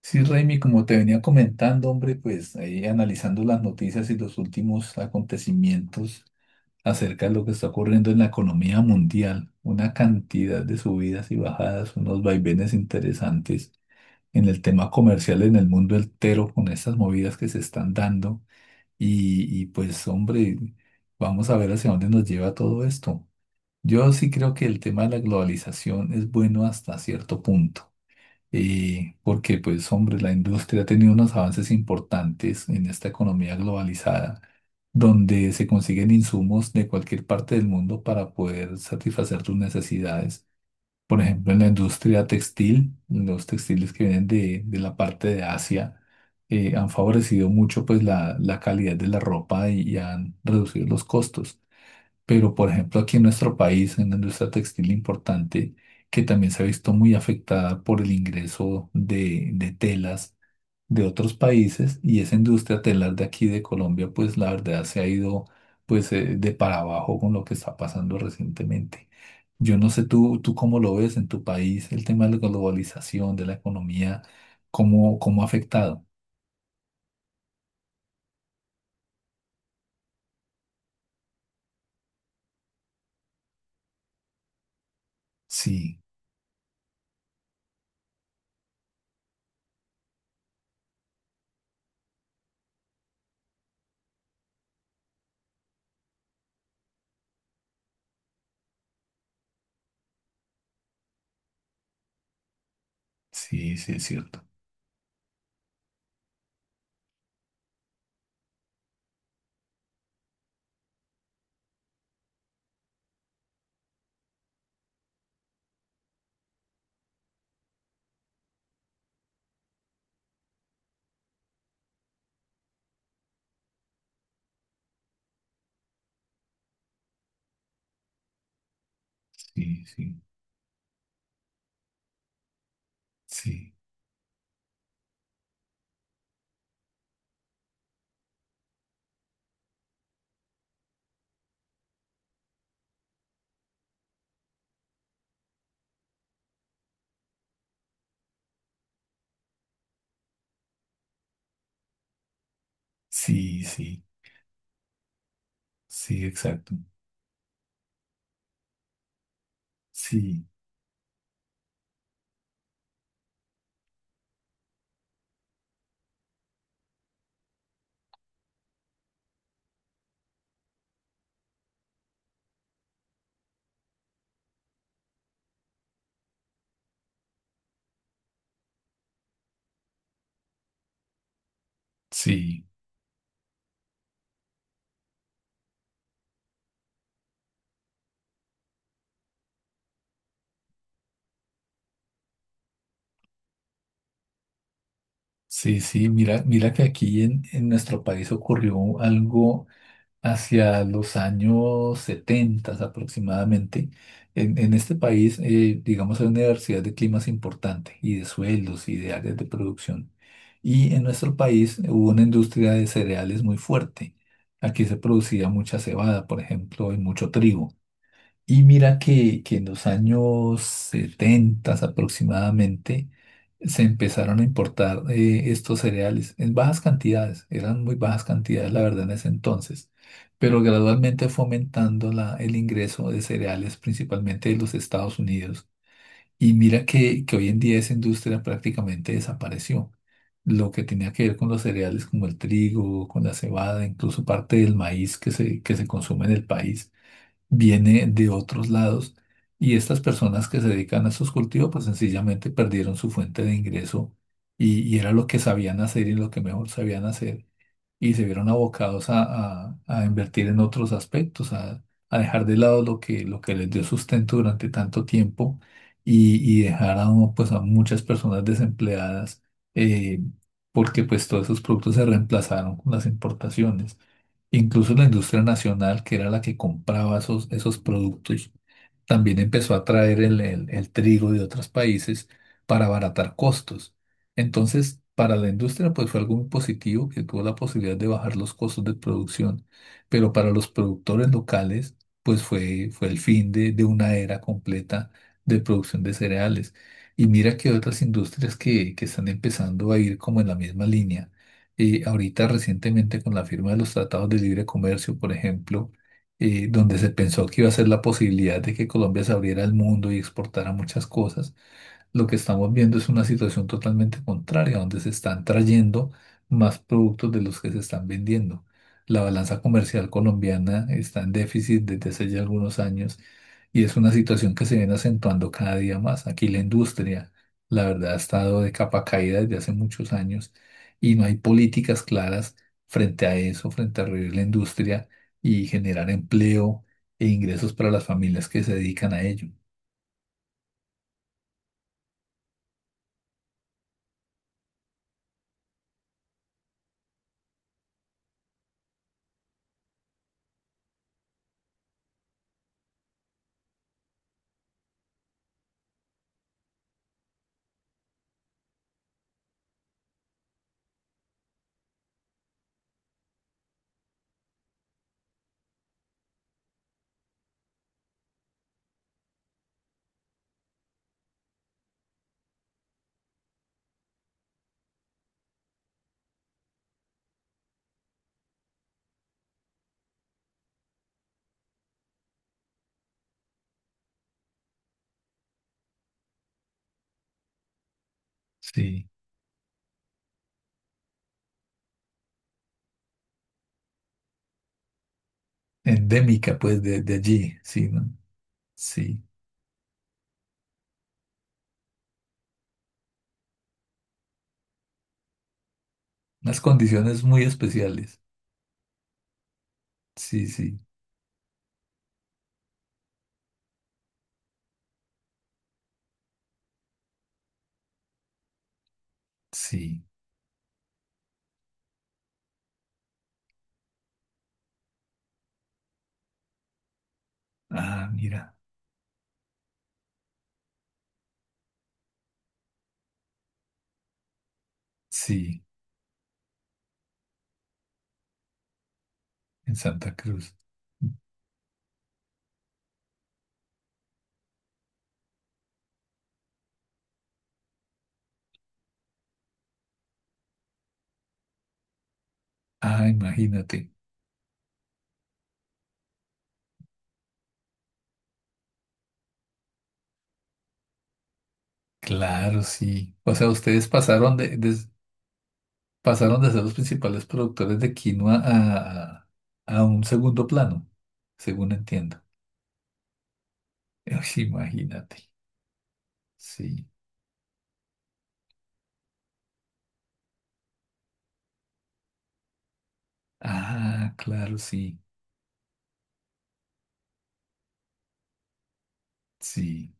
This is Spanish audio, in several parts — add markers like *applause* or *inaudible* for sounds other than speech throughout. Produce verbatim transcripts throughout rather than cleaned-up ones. Sí, Raimi, como te venía comentando, hombre, pues ahí analizando las noticias y los últimos acontecimientos acerca de lo que está ocurriendo en la economía mundial, una cantidad de subidas y bajadas, unos vaivenes interesantes en el tema comercial en el mundo entero con estas movidas que se están dando y, y pues, hombre, vamos a ver hacia dónde nos lleva todo esto. Yo sí creo que el tema de la globalización es bueno hasta cierto punto eh, porque pues hombre, la industria ha tenido unos avances importantes en esta economía globalizada, donde se consiguen insumos de cualquier parte del mundo para poder satisfacer tus necesidades. Por ejemplo, en la industria textil, los textiles que vienen de, de la parte de Asia eh, han favorecido mucho pues la, la calidad de la ropa y, y han reducido los costos. Pero, por ejemplo, aquí en nuestro país, en la industria textil importante, que también se ha visto muy afectada por el ingreso de, de telas de otros países, y esa industria telar de aquí de Colombia, pues la verdad se ha ido pues eh, de para abajo con lo que está pasando recientemente. Yo no sé tú, tú cómo lo ves en tu país, el tema de la globalización, de la economía, cómo, cómo ha afectado. Sí, sí, sí, es cierto. Sí, sí, sí, sí, sí, sí, exacto. Sí, sí, sí, sí. Mira, mira que aquí en, en nuestro país ocurrió algo hacia los años setenta aproximadamente. En, en este país, eh, digamos, hay una diversidad de climas importante y de sueldos y de áreas de producción. Y en nuestro país hubo una industria de cereales muy fuerte. Aquí se producía mucha cebada, por ejemplo, y mucho trigo. Y mira que, que en los años setenta aproximadamente se empezaron a importar eh, estos cereales en bajas cantidades, eran muy bajas cantidades la verdad en ese entonces, pero gradualmente fue aumentando la- el ingreso de cereales principalmente de los Estados Unidos. Y mira que, que hoy en día esa industria prácticamente desapareció. Lo que tenía que ver con los cereales como el trigo, con la cebada, incluso parte del maíz que se, que se consume en el país viene de otros lados y estas personas que se dedican a estos cultivos pues sencillamente perdieron su fuente de ingreso y, y era lo que sabían hacer y lo que mejor sabían hacer y se vieron abocados a, a- a invertir en otros aspectos, a, a dejar de lado lo que, lo que les dio sustento durante tanto tiempo y, y dejar a, uno, pues, a muchas personas desempleadas eh, porque pues todos esos productos se reemplazaron con las importaciones. Incluso la industria nacional, que era la que compraba esos, esos productos, también empezó a traer el, el- el trigo de otros países para abaratar costos. Entonces, para la industria, pues fue algo muy positivo que tuvo la posibilidad de bajar los costos de producción, pero para los productores locales, pues fue, fue el fin de, de una era completa de producción de cereales. Y mira que otras industrias que, que están empezando a ir como en la misma línea. Eh, ahorita recientemente con la firma de los tratados de libre comercio, por ejemplo, eh, donde se pensó que iba a ser la posibilidad de que Colombia se abriera al mundo y exportara muchas cosas lo que estamos viendo es una situación totalmente contraria, donde se están trayendo más productos de los que se están vendiendo. La balanza comercial colombiana está en déficit desde hace ya algunos años y es una situación que se viene acentuando cada día más. Aquí la industria, la verdad, ha estado de capa caída desde hace muchos años y no hay políticas claras frente a eso, frente a revivir la industria y generar empleo e ingresos para las familias que se dedican a ello. Sí. Endémica, pues, de, de allí, sí, ¿no? Sí, unas condiciones muy especiales. Sí, sí, sí. Ah, mira, sí, en Santa Cruz. Ah, imagínate. Claro, sí. O sea, ustedes pasaron de, des- pasaron de ser los principales productores de quinoa a, a a un segundo plano, según entiendo. *laughs* Uy, imagínate. Sí. Ah, claro, sí, sí.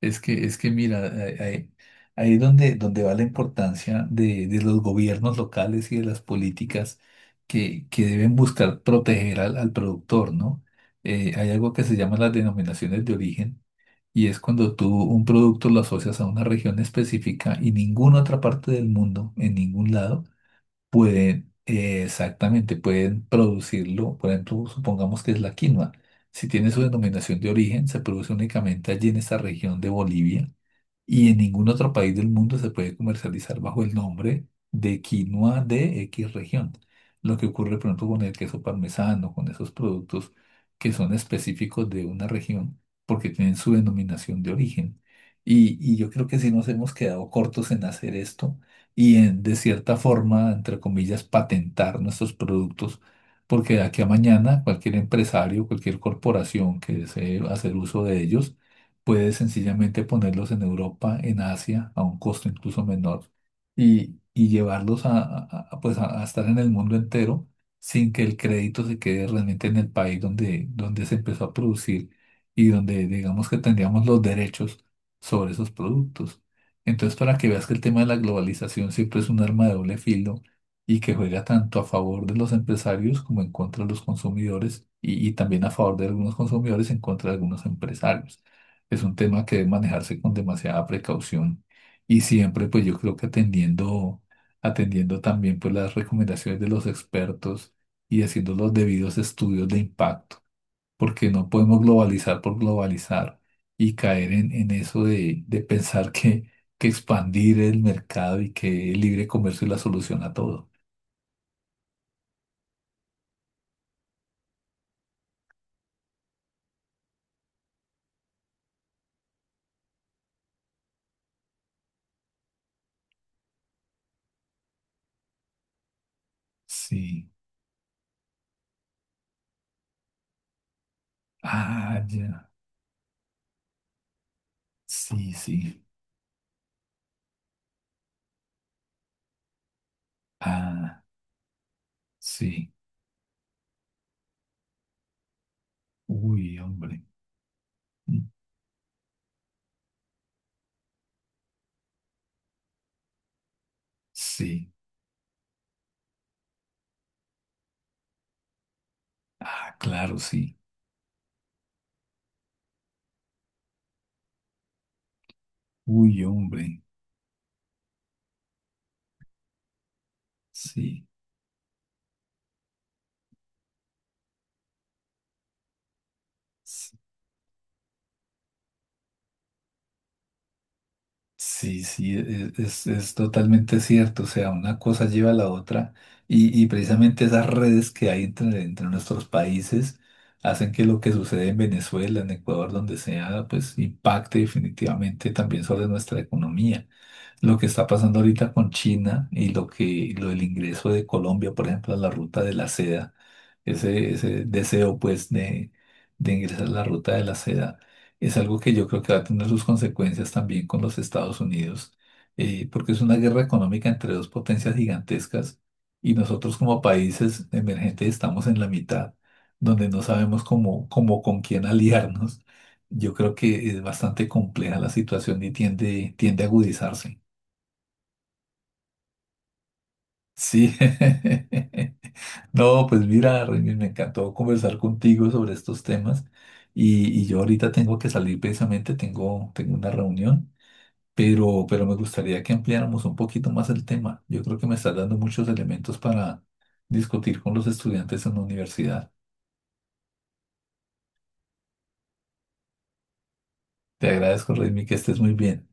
Es que, es que mira, ahí, ahí- ahí es donde, donde va la importancia de, de los gobiernos locales y de las políticas que, que deben buscar proteger al, al productor, ¿no? Eh, hay algo que se llama las denominaciones de origen y es cuando tú un producto lo asocias a una región específica y ninguna otra parte del mundo, en ningún lado, pueden, eh, exactamente, pueden producirlo. Por ejemplo, supongamos que es la quinoa. Si tiene su denominación de origen, se produce únicamente allí en esa región de Bolivia y en ningún otro país del mundo se puede comercializar bajo el nombre de quinoa de X región. Lo que ocurre, por ejemplo, con el queso parmesano, con esos productos que son específicos de una región porque tienen su denominación de origen. Y, y yo creo que sí nos hemos quedado cortos en hacer esto y en, de cierta forma, entre comillas, patentar nuestros productos, porque de aquí a mañana cualquier empresario, cualquier corporación que desee hacer uso de ellos, puedes sencillamente ponerlos en Europa, en Asia, a un costo incluso menor, y, y llevarlos a, a- a- pues a, a estar en el mundo entero sin que el crédito se quede realmente en el país donde, donde se empezó a producir y donde digamos que tendríamos los derechos sobre esos productos. Entonces, para que veas que el tema de la globalización siempre es un arma de doble filo y que juega tanto a favor de los empresarios como en contra de los consumidores y, y también a favor de algunos consumidores en contra de algunos empresarios es un tema que debe manejarse con demasiada precaución y siempre pues yo creo que atendiendo, atendiendo también pues las recomendaciones de los expertos y haciendo los debidos estudios de impacto, porque no podemos globalizar por globalizar y caer en, en eso de, de pensar que, que expandir el mercado y que el libre comercio es la solución a todo. Sí, ah, ya, sí, sí, ah, sí, uy, hombre, mm, sí. Ah, claro, sí. Uy, hombre, sí. s- Sí, sí, e- e-, es, es totalmente cierto. O sea, una cosa lleva a la otra y, y precisamente esas redes que hay entre, entre nuestros países hacen que lo que sucede en Venezuela, en Ecuador, donde sea, pues impacte definitivamente también sobre nuestra economía. Lo que está pasando ahorita con China y lo que lo del ingreso de Colombia, por ejemplo, a la ruta de la seda, ese, ese deseo pues de, de ingresar a la ruta de la seda, es algo que yo creo que va a tener sus consecuencias también con los Estados Unidos, eh, porque es una guerra económica entre dos potencias gigantescas y nosotros como países emergentes estamos en la mitad, donde no sabemos cómo, cómo con quién aliarnos. Yo creo que es bastante compleja la situación y tiende, tiende a agudizarse. Sí. *laughs* No, pues mira, Remy, me encantó conversar contigo sobre estos temas y, y yo ahorita tengo que salir precisamente, tengo, tengo una reunión, pero, pero me gustaría que ampliáramos un poquito más el tema. Yo creo que me estás dando muchos elementos para discutir con los estudiantes en la universidad. Te agradezco, Remy, que estés muy bien.